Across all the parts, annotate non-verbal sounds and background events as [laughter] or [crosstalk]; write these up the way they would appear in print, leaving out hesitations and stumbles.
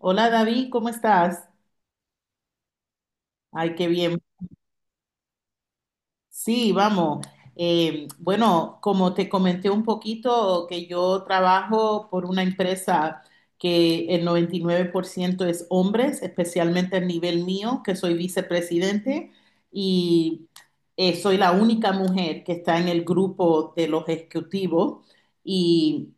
Hola David, ¿cómo estás? Ay, qué bien. Sí, vamos. Bueno, como te comenté un poquito, que yo trabajo por una empresa que el 99% es hombres, especialmente al nivel mío, que soy vicepresidente y soy la única mujer que está en el grupo de los ejecutivos y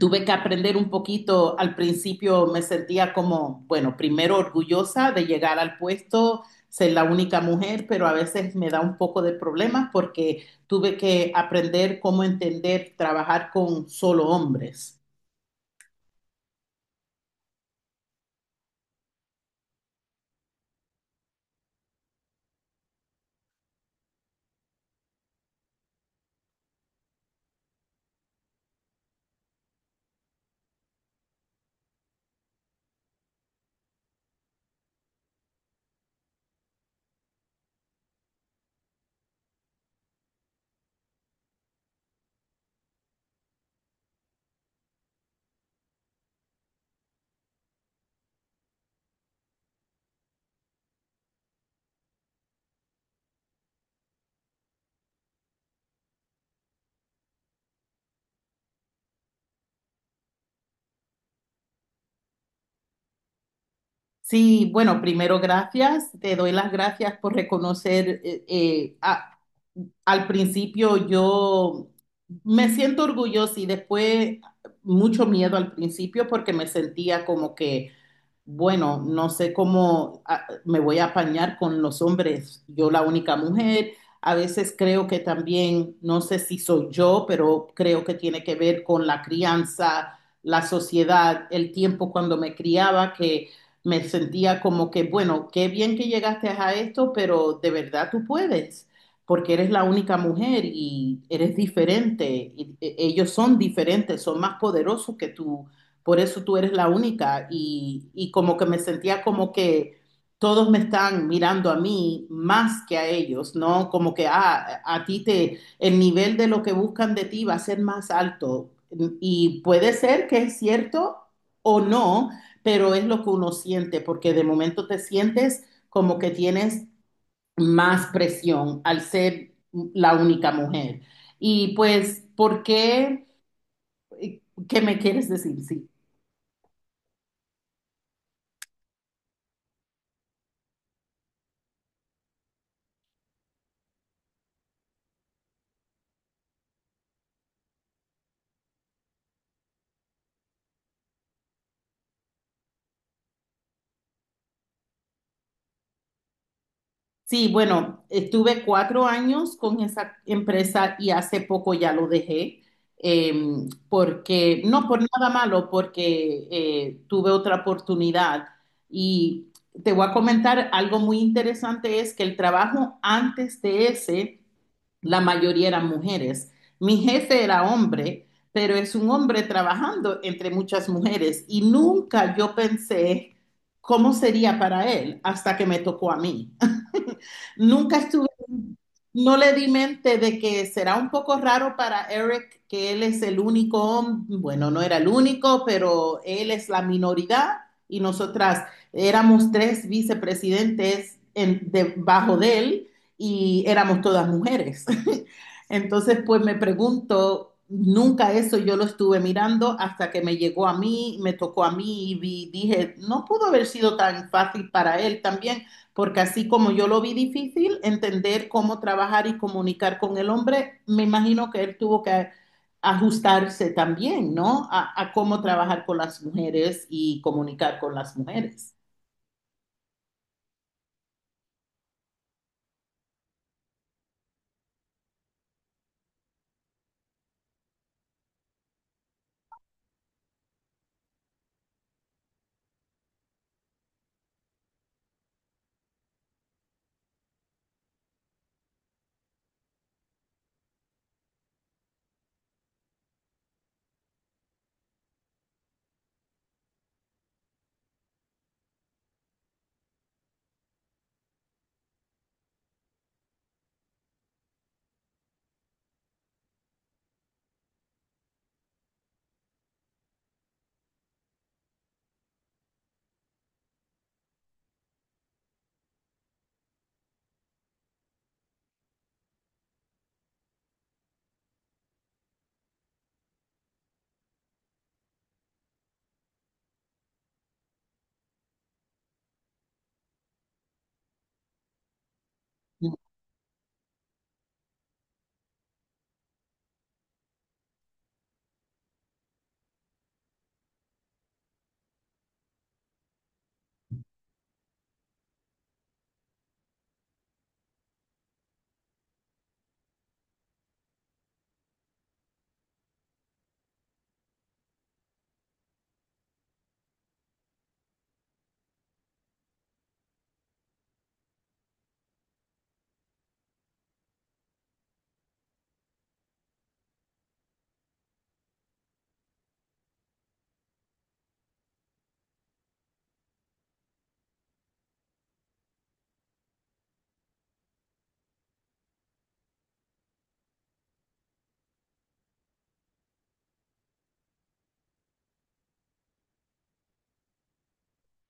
tuve que aprender un poquito. Al principio me sentía como, bueno, primero orgullosa de llegar al puesto, ser la única mujer, pero a veces me da un poco de problemas porque tuve que aprender cómo entender trabajar con solo hombres. Sí, bueno, primero gracias, te doy las gracias por reconocer, al principio yo me siento orgullosa y después mucho miedo al principio porque me sentía como que bueno, no sé cómo me voy a apañar con los hombres, yo la única mujer. A veces creo que también, no sé si soy yo, pero creo que tiene que ver con la crianza, la sociedad, el tiempo cuando me criaba, que me sentía como que, bueno, qué bien que llegaste a esto, pero de verdad tú puedes, porque eres la única mujer y eres diferente. Y, ellos son diferentes, son más poderosos que tú, por eso tú eres la única, y como que me sentía como que todos me están mirando a mí más que a ellos, ¿no? Como que a ti te, el nivel de lo que buscan de ti va a ser más alto y puede ser que es cierto o no, pero es lo que uno siente porque de momento te sientes como que tienes más presión al ser la única mujer. Y pues, ¿por qué? ¿Qué me quieres decir? Sí. Sí, bueno, estuve 4 años con esa empresa y hace poco ya lo dejé, eh, porque, no por nada malo, porque tuve otra oportunidad. Y te voy a comentar algo muy interesante, es que el trabajo antes de ese, la mayoría eran mujeres. Mi jefe era hombre, pero es un hombre trabajando entre muchas mujeres y nunca yo pensé cómo sería para él hasta que me tocó a mí. Nunca estuve, no le di mente de que será un poco raro para Eric que él es el único, bueno, no era el único, pero él es la minoridad y nosotras éramos 3 vicepresidentes debajo de él y éramos todas mujeres. [laughs] Entonces, pues me pregunto, nunca eso yo lo estuve mirando hasta que me llegó a mí, me tocó a mí y dije, no pudo haber sido tan fácil para él también, porque así como yo lo vi difícil, entender cómo trabajar y comunicar con el hombre, me imagino que él tuvo que ajustarse también, ¿no? A cómo trabajar con las mujeres y comunicar con las mujeres.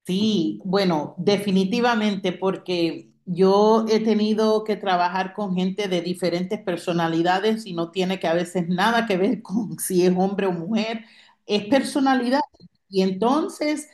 Sí, bueno, definitivamente, porque yo he tenido que trabajar con gente de diferentes personalidades y no tiene que a veces nada que ver [laughs] con si es hombre o mujer, es personalidad. Y entonces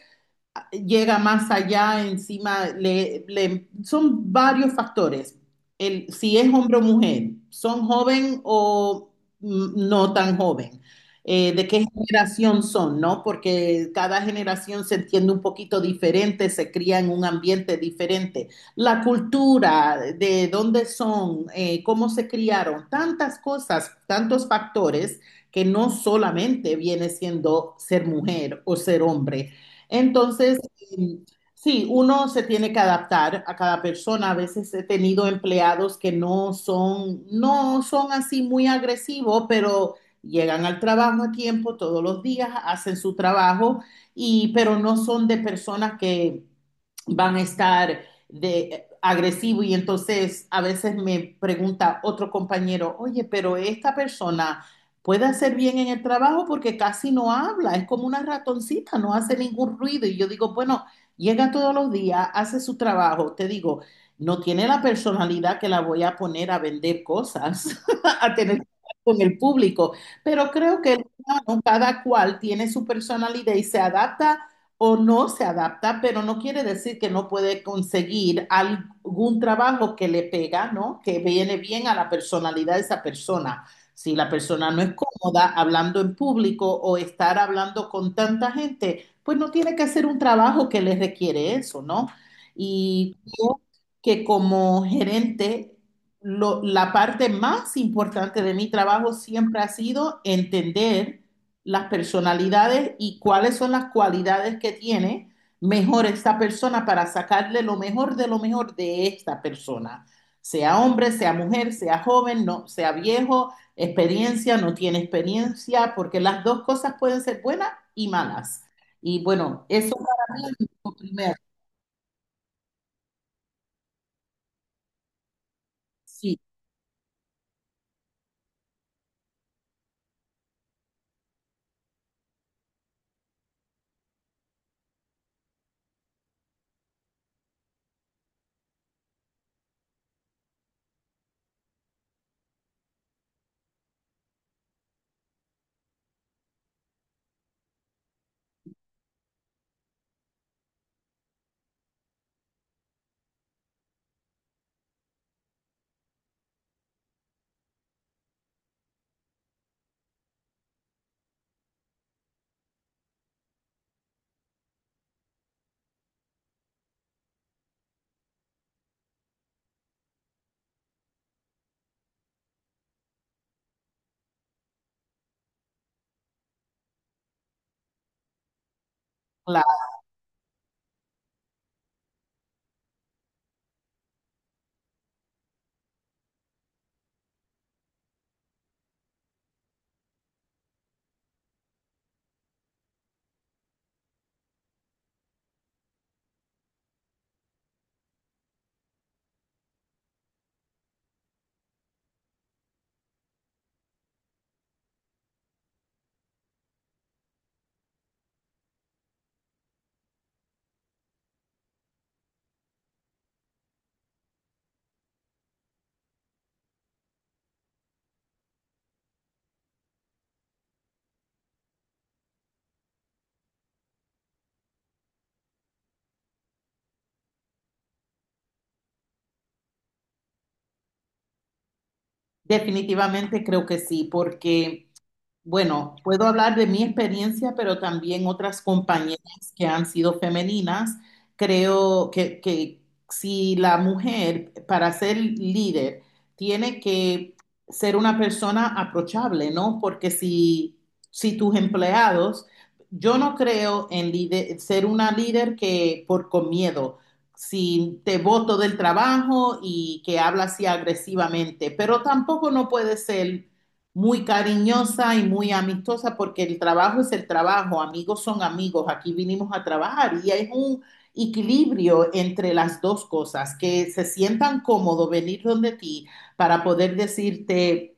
llega más allá, encima, son varios factores. El, si es hombre o mujer, son joven o no tan joven. De qué generación son, ¿no? Porque cada generación se entiende un poquito diferente, se cría en un ambiente diferente. La cultura, de dónde son, cómo se criaron, tantas cosas, tantos factores que no solamente viene siendo ser mujer o ser hombre, entonces, mm, sí, uno se tiene que adaptar a cada persona. A veces he tenido empleados que no son así muy agresivos, pero llegan al trabajo a tiempo todos los días, hacen su trabajo, y, pero no son de personas que van a estar de agresivo y entonces a veces me pregunta otro compañero, oye, pero esta persona puede hacer bien en el trabajo porque casi no habla, es como una ratoncita, no hace ningún ruido. Y yo digo, bueno, llega todos los días, hace su trabajo, te digo, no tiene la personalidad que la voy a poner a vender cosas, [laughs] a tener que hablar con el público, pero creo que el humano, cada cual tiene su personalidad y se adapta o no se adapta, pero no quiere decir que no puede conseguir algún trabajo que le pega, ¿no? Que viene bien a la personalidad de esa persona. Si la persona no es cómoda hablando en público o estar hablando con tanta gente, pues no tiene que hacer un trabajo que le requiere eso, ¿no? Y creo que como gerente, lo- la parte más importante de mi trabajo siempre ha sido entender las personalidades y cuáles son las cualidades que tiene mejor esta persona para sacarle lo mejor de esta persona, sea hombre, sea mujer, sea joven, no, sea viejo, experiencia, no tiene experiencia, porque las dos cosas pueden ser buenas y malas. Y bueno, eso para mí es lo primero. Sí, claro, definitivamente creo que sí, porque bueno, puedo hablar de mi experiencia, pero también otras compañeras que han sido femeninas. Creo que si la mujer, para ser líder, tiene que ser una persona aprochable, ¿no? Porque si tus empleados, yo no creo en ser una líder que por con miedo, si te voto del trabajo y que habla así agresivamente, pero tampoco no puede ser muy cariñosa y muy amistosa porque el trabajo es el trabajo, amigos son amigos, aquí vinimos a trabajar y es un equilibrio entre las dos cosas, que se sientan cómodos venir donde ti para poder decirte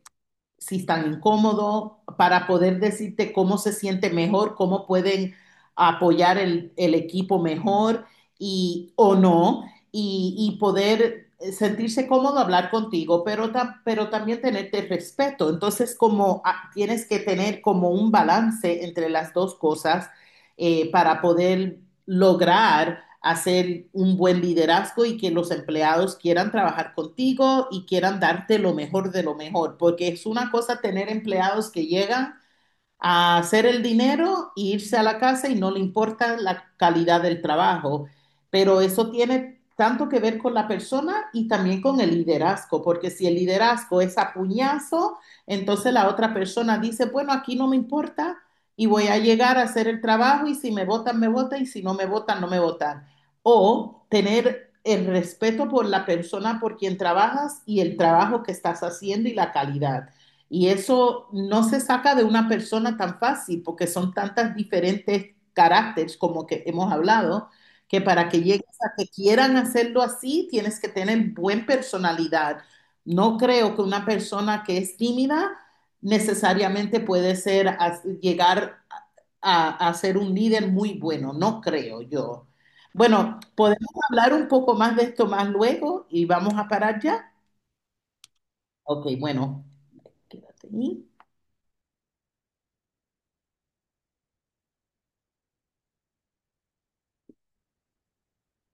si están incómodos, para poder decirte cómo se siente mejor, cómo pueden apoyar el equipo mejor, y, o no, y poder sentirse cómodo hablar contigo, pero, pero también tenerte respeto. Entonces, como tienes que tener como un balance entre las dos cosas, para poder lograr hacer un buen liderazgo y que los empleados quieran trabajar contigo y quieran darte lo mejor de lo mejor, porque es una cosa tener empleados que llegan a hacer el dinero e irse a la casa y no le importa la calidad del trabajo. Pero eso tiene tanto que ver con la persona y también con el liderazgo, porque si el liderazgo es a puñazo, entonces la otra persona dice, bueno, aquí no me importa y voy a llegar a hacer el trabajo y si me votan, me votan y si no me votan, no me votan. O tener el respeto por la persona por quien trabajas y el trabajo que estás haciendo y la calidad. Y eso no se saca de una persona tan fácil, porque son tantas diferentes caracteres como que hemos hablado, que para que llegues a que quieran hacerlo así, tienes que tener buena personalidad. No creo que una persona que es tímida necesariamente puede ser, llegar a ser un líder muy bueno, no creo yo. Bueno, podemos hablar un poco más de esto más luego y vamos a parar ya. Ok, bueno. Sí.